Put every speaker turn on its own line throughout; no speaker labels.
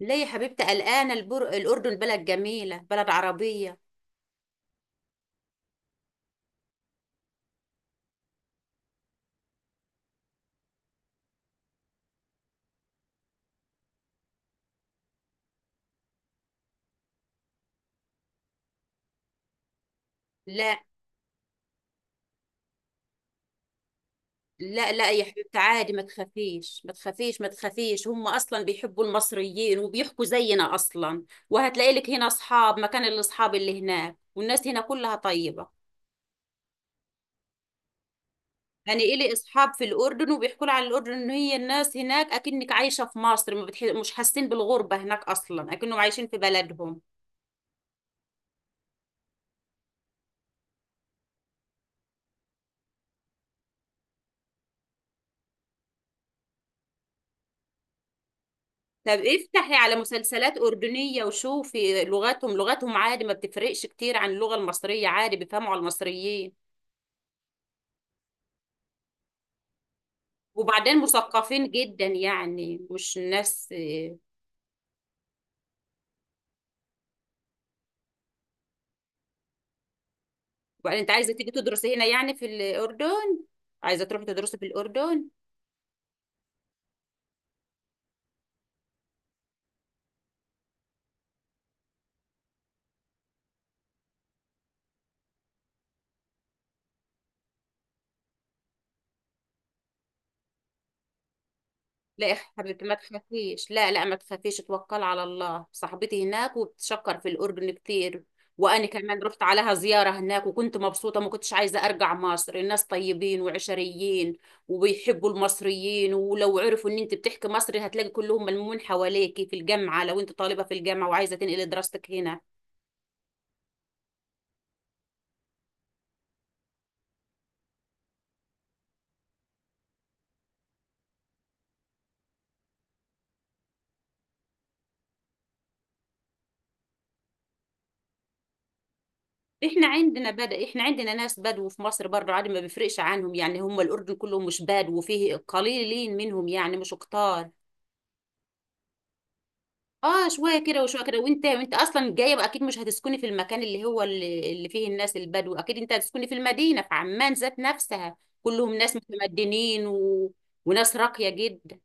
ليه يا حبيبتي قلقانة الأردن بلد جميلة، بلد عربية. لا لا لا يا حبيبتي، عادي، ما تخافيش ما تخافيش ما تخافيش. هم أصلا بيحبوا المصريين وبيحكوا زينا أصلا. وهتلاقي لك هنا أصحاب مكان الأصحاب اللي هناك، والناس هنا كلها طيبة. أنا إلي أصحاب في الأردن وبيحكوا لي على الأردن إن هي الناس هناك أكنك عايشة في مصر، ما بتح... مش حاسين بالغربة هناك أصلا، أكنهم عايشين في بلدهم. طب افتحي على مسلسلات أردنية وشوفي لغتهم عادي، ما بتفرقش كتير عن اللغة المصرية، عادي بيفهموا على المصريين. وبعدين مثقفين جدا، يعني مش ناس. وبعدين انت عايزة تيجي تدرسي هنا يعني في الأردن؟ عايزة تروحي تدرسي في الأردن؟ لا يا حبيبتي، ما تخافيش، لا لا ما تخافيش، توكل على الله. صاحبتي هناك وبتشكر في الأردن كتير، وأنا كمان رحت عليها زيارة هناك وكنت مبسوطة ما كنتش عايزة أرجع مصر. الناس طيبين وعشريين، وبيحبوا المصريين، ولو عرفوا إن أنت بتحكي مصري هتلاقي كلهم ملمومين حواليكي في الجامعة، لو أنت طالبة في الجامعة وعايزة تنقلي دراستك هنا. إحنا عندنا ناس بدو في مصر برضه، عادي، ما بيفرقش عنهم، يعني هم الأردن كلهم مش بدو، وفيه قليلين منهم يعني، مش كتار. اه، شويه كده وشويه كده، وانت اصلا جايه بقى اكيد مش هتسكني في المكان اللي فيه الناس البدو، اكيد انت هتسكني في المدينه في عمان ذات نفسها. كلهم ناس متمدنين وناس راقيه جدا.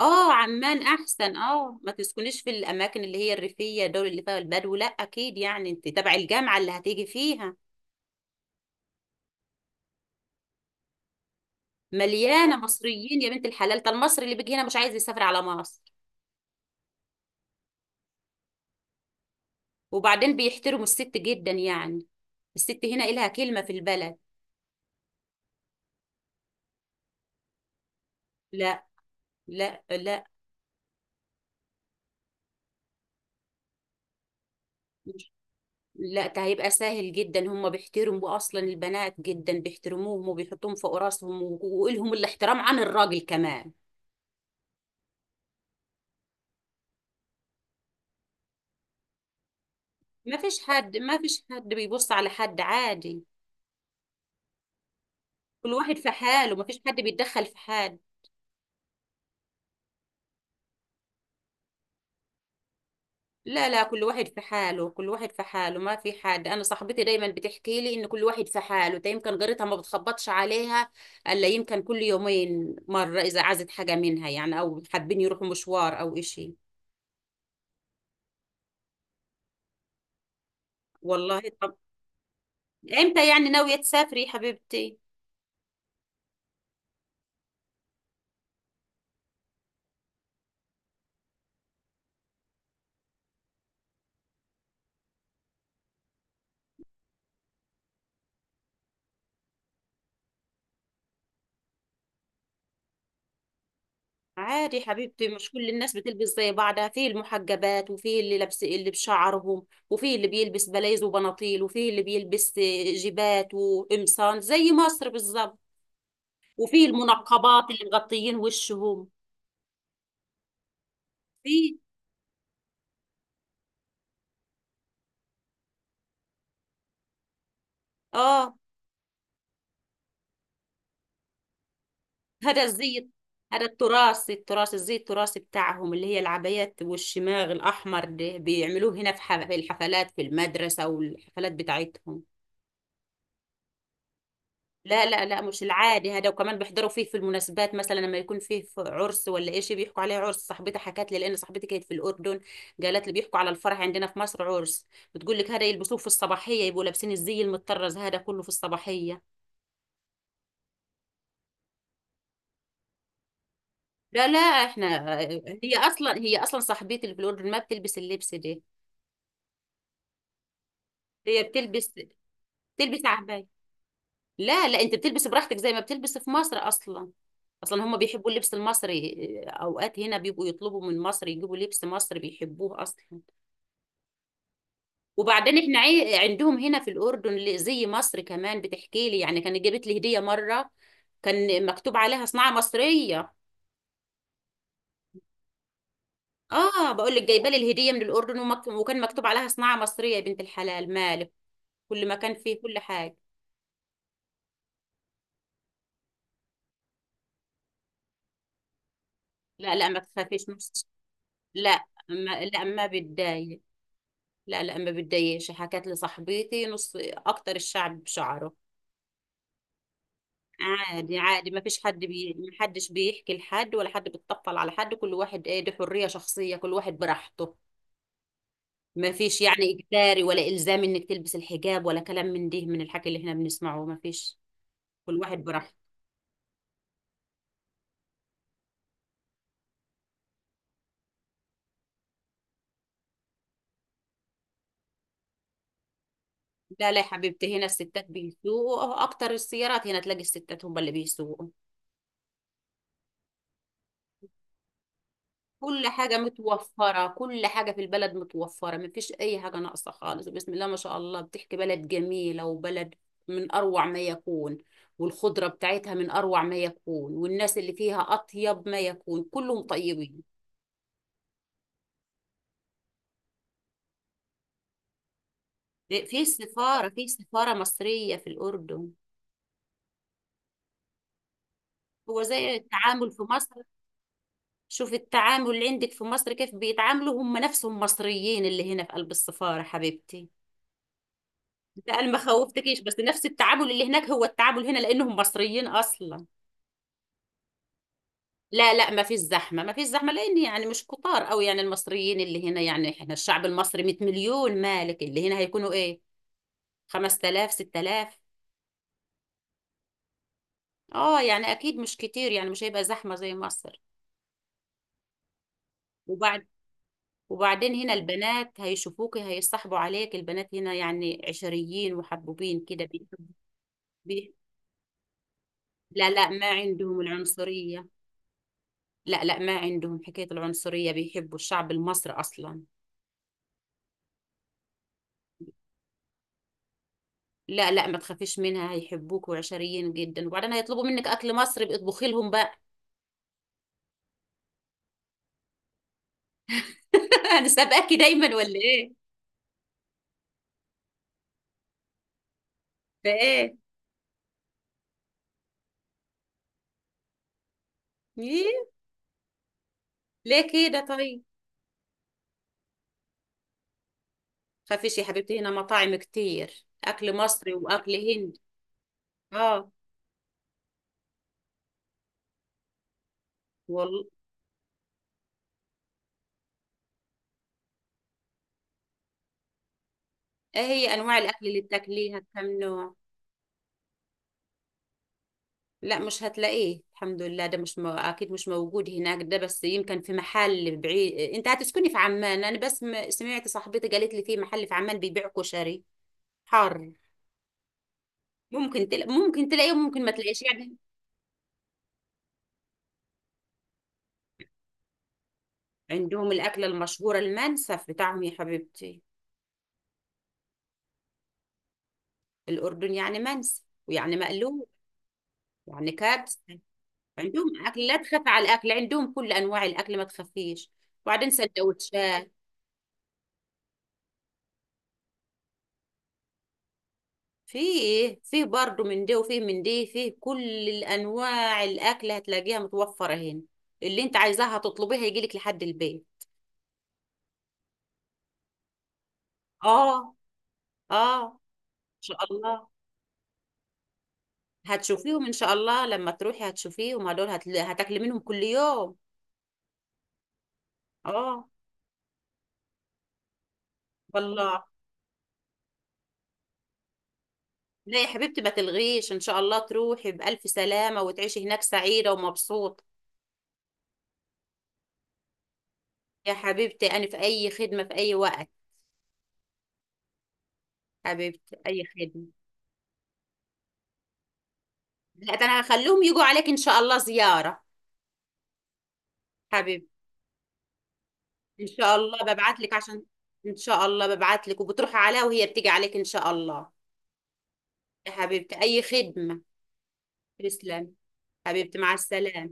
اه عمان احسن، اه، ما تسكنيش في الاماكن اللي هي الريفيه دول اللي فيها البدو، لا اكيد يعني انت تبع الجامعه اللي هتيجي فيها. مليانه مصريين يا بنت الحلال، ده المصري اللي بيجي هنا مش عايز يسافر على مصر. وبعدين بيحترموا الست جدا، يعني الست هنا إلها كلمه في البلد. لا لا لا لا، ده هيبقى سهل جدا، هم بيحترموا اصلا البنات جدا، بيحترموهم وبيحطوهم فوق راسهم، ولهم الاحترام عن الراجل كمان. ما فيش حد بيبص على حد، عادي، كل واحد في حاله، ما فيش حد بيتدخل في حد. لا لا، كل واحد في حاله، ما في حد. انا صاحبتي دايما بتحكي لي ان كل واحد في حاله، ده يمكن جارتها ما بتخبطش عليها الا يمكن كل يومين مره، اذا عازت حاجه منها يعني، او حابين يروحوا مشوار او اشي. والله. طب امتى يعني ناوية تسافري يا حبيبتي؟ عادي يا حبيبتي، مش كل الناس بتلبس زي بعضها، فيه المحجبات، وفيه اللي لابس اللي بشعرهم، وفيه اللي بيلبس بلايز وبناطيل، وفيه اللي بيلبس جيبات وقمصان زي مصر بالظبط، وفيه المنقبات اللي مغطيين وشهم. فيه، اه، هذا الزي، هذا التراث التراث الزي التراثي بتاعهم، اللي هي العبايات والشماغ الأحمر. ده بيعملوه هنا في الحفلات، في المدرسة والحفلات بتاعتهم. لا لا لا، مش العادي هذا، وكمان بيحضروا فيه في المناسبات، مثلا لما يكون فيه في عرس ولا شيء بيحكوا عليه عرس. صاحبتي حكت لي، لان صاحبتي كانت في الاردن، قالت لي بيحكوا على الفرح عندنا في مصر عرس. بتقول لك هذا يلبسوه في الصباحيه، يبقوا لابسين الزي المطرز هذا كله في الصباحيه. لا لا احنا، هي اصلا صاحبتي اللي في الاردن ما بتلبس اللبس ده، هي بتلبس عباية. لا لا، انت بتلبس براحتك زي ما بتلبس في مصر اصلا. اصلا هم بيحبوا اللبس المصري، آه، اوقات هنا بيبقوا يطلبوا من مصر يجيبوا لبس مصري، بيحبوه اصلا. وبعدين احنا عندهم هنا في الاردن زي مصر، كمان بتحكي لي يعني كانت جابت لي هديه مره كان مكتوب عليها صناعه مصريه. اه، بقول لك جايبه لي الهديه من الاردن وكان مكتوب عليها صناعه مصريه، يا بنت الحلال مالك، كل مكان فيه كل حاجه. لا لا ما تخافيش، لا ما... لا ما بتضايق، لا لا ما بتضايقش، حكت لي صاحبتي نص اكتر الشعب بشعره. عادي، عادي، ما فيش حد ما حدش بيحكي لحد ولا حد بيتطفل على حد، كل واحد ايه دي حرية شخصية، كل واحد براحته، ما فيش يعني اجباري ولا الزام انك تلبس الحجاب ولا كلام من ده من الحكي اللي احنا بنسمعه، ما فيش، كل واحد براحته. لا لا يا حبيبتي، هنا الستات بيسوقوا اكتر، السيارات هنا تلاقي الستات هم اللي بيسوقوا. كل حاجة متوفرة، كل حاجة في البلد متوفرة، مفيش أي حاجة ناقصة خالص، بسم الله ما شاء الله، بتحكي بلد جميلة، وبلد من أروع ما يكون، والخضرة بتاعتها من أروع ما يكون، والناس اللي فيها أطيب ما يكون، كلهم طيبين. في سفارة مصرية في الأردن. هو زي التعامل في مصر، شوف التعامل اللي عندك في مصر كيف بيتعاملوا، هم نفسهم مصريين اللي هنا في قلب السفارة حبيبتي. لا انا ما خوفتكيش، بس نفس التعامل اللي هناك هو التعامل هنا لانهم مصريين اصلا. لا لا ما فيش زحمه، ما فيش زحمه، لان يعني مش كتار قوي يعني المصريين اللي هنا، يعني احنا الشعب المصري 100 مليون مالك، اللي هنا هيكونوا ايه، 5000 6000. اه يعني اكيد مش كتير، يعني مش هيبقى زحمه زي مصر. وبعد وبعدين هنا البنات هيشوفوكي هيصاحبوا عليك، البنات هنا يعني عشريين محبوبين كده بيحبوا. بيح- لا لا ما عندهم العنصريه، لا لا ما عندهم حكاية العنصرية، بيحبوا الشعب المصري أصلا. لا لا ما تخافيش منها، هيحبوك وعشريين جدا، وبعدين هيطلبوا منك أكل مصري، بقى اطبخي لهم بقى. أنا سابقاكي دايما ولا إيه؟ فإيه؟ إيه؟ ليه كده طيب؟ خافيش يا حبيبتي، هنا مطاعم كتير أكل مصري وأكل هندي. آه، والله. إيه هي أنواع الأكل اللي بتاكليها، كم نوع؟ لا مش هتلاقيه، الحمد لله، ده مش مو... اكيد مش موجود هناك، ده بس يمكن في محل بعيد، انت هتسكني في عمان، انا بس سمعت صاحبتي قالت لي في محل في عمان بيبيع كشري حار. ممكن تلاقيه وممكن ما تلاقيش يعني. عندهم الاكله المشهوره المنسف بتاعهم يا حبيبتي، الاردن يعني منسف ويعني مقلوب، يعني كبسه، عندهم اكل، لا تخاف على الاكل، عندهم كل انواع الاكل ما تخافيش، وبعدين سندوتشات. فيه برضه من دي وفيه من دي، فيه كل الانواع الاكل هتلاقيها متوفره هنا، اللي انت عايزاها هتطلبيها يجيلك لحد البيت. اه، اه، ان شاء الله هتشوفيهم، ان شاء الله لما تروحي هتشوفيهم هدول، هتاكلي منهم كل يوم. اه، والله. لا يا حبيبتي ما تلغيش، ان شاء الله تروحي بالف سلامه وتعيشي هناك سعيده ومبسوطه. يا حبيبتي انا في اي خدمه في اي وقت، حبيبتي اي خدمه. لا ده انا هخليهم يجوا عليك ان شاء الله زياره. حبيبتي، ان شاء الله ببعت لك عشان ان شاء الله ببعت لك وبتروحي عليها وهي بتيجي عليك ان شاء الله. يا حبيبتي اي خدمة. تسلم حبيبتي، مع السلامة.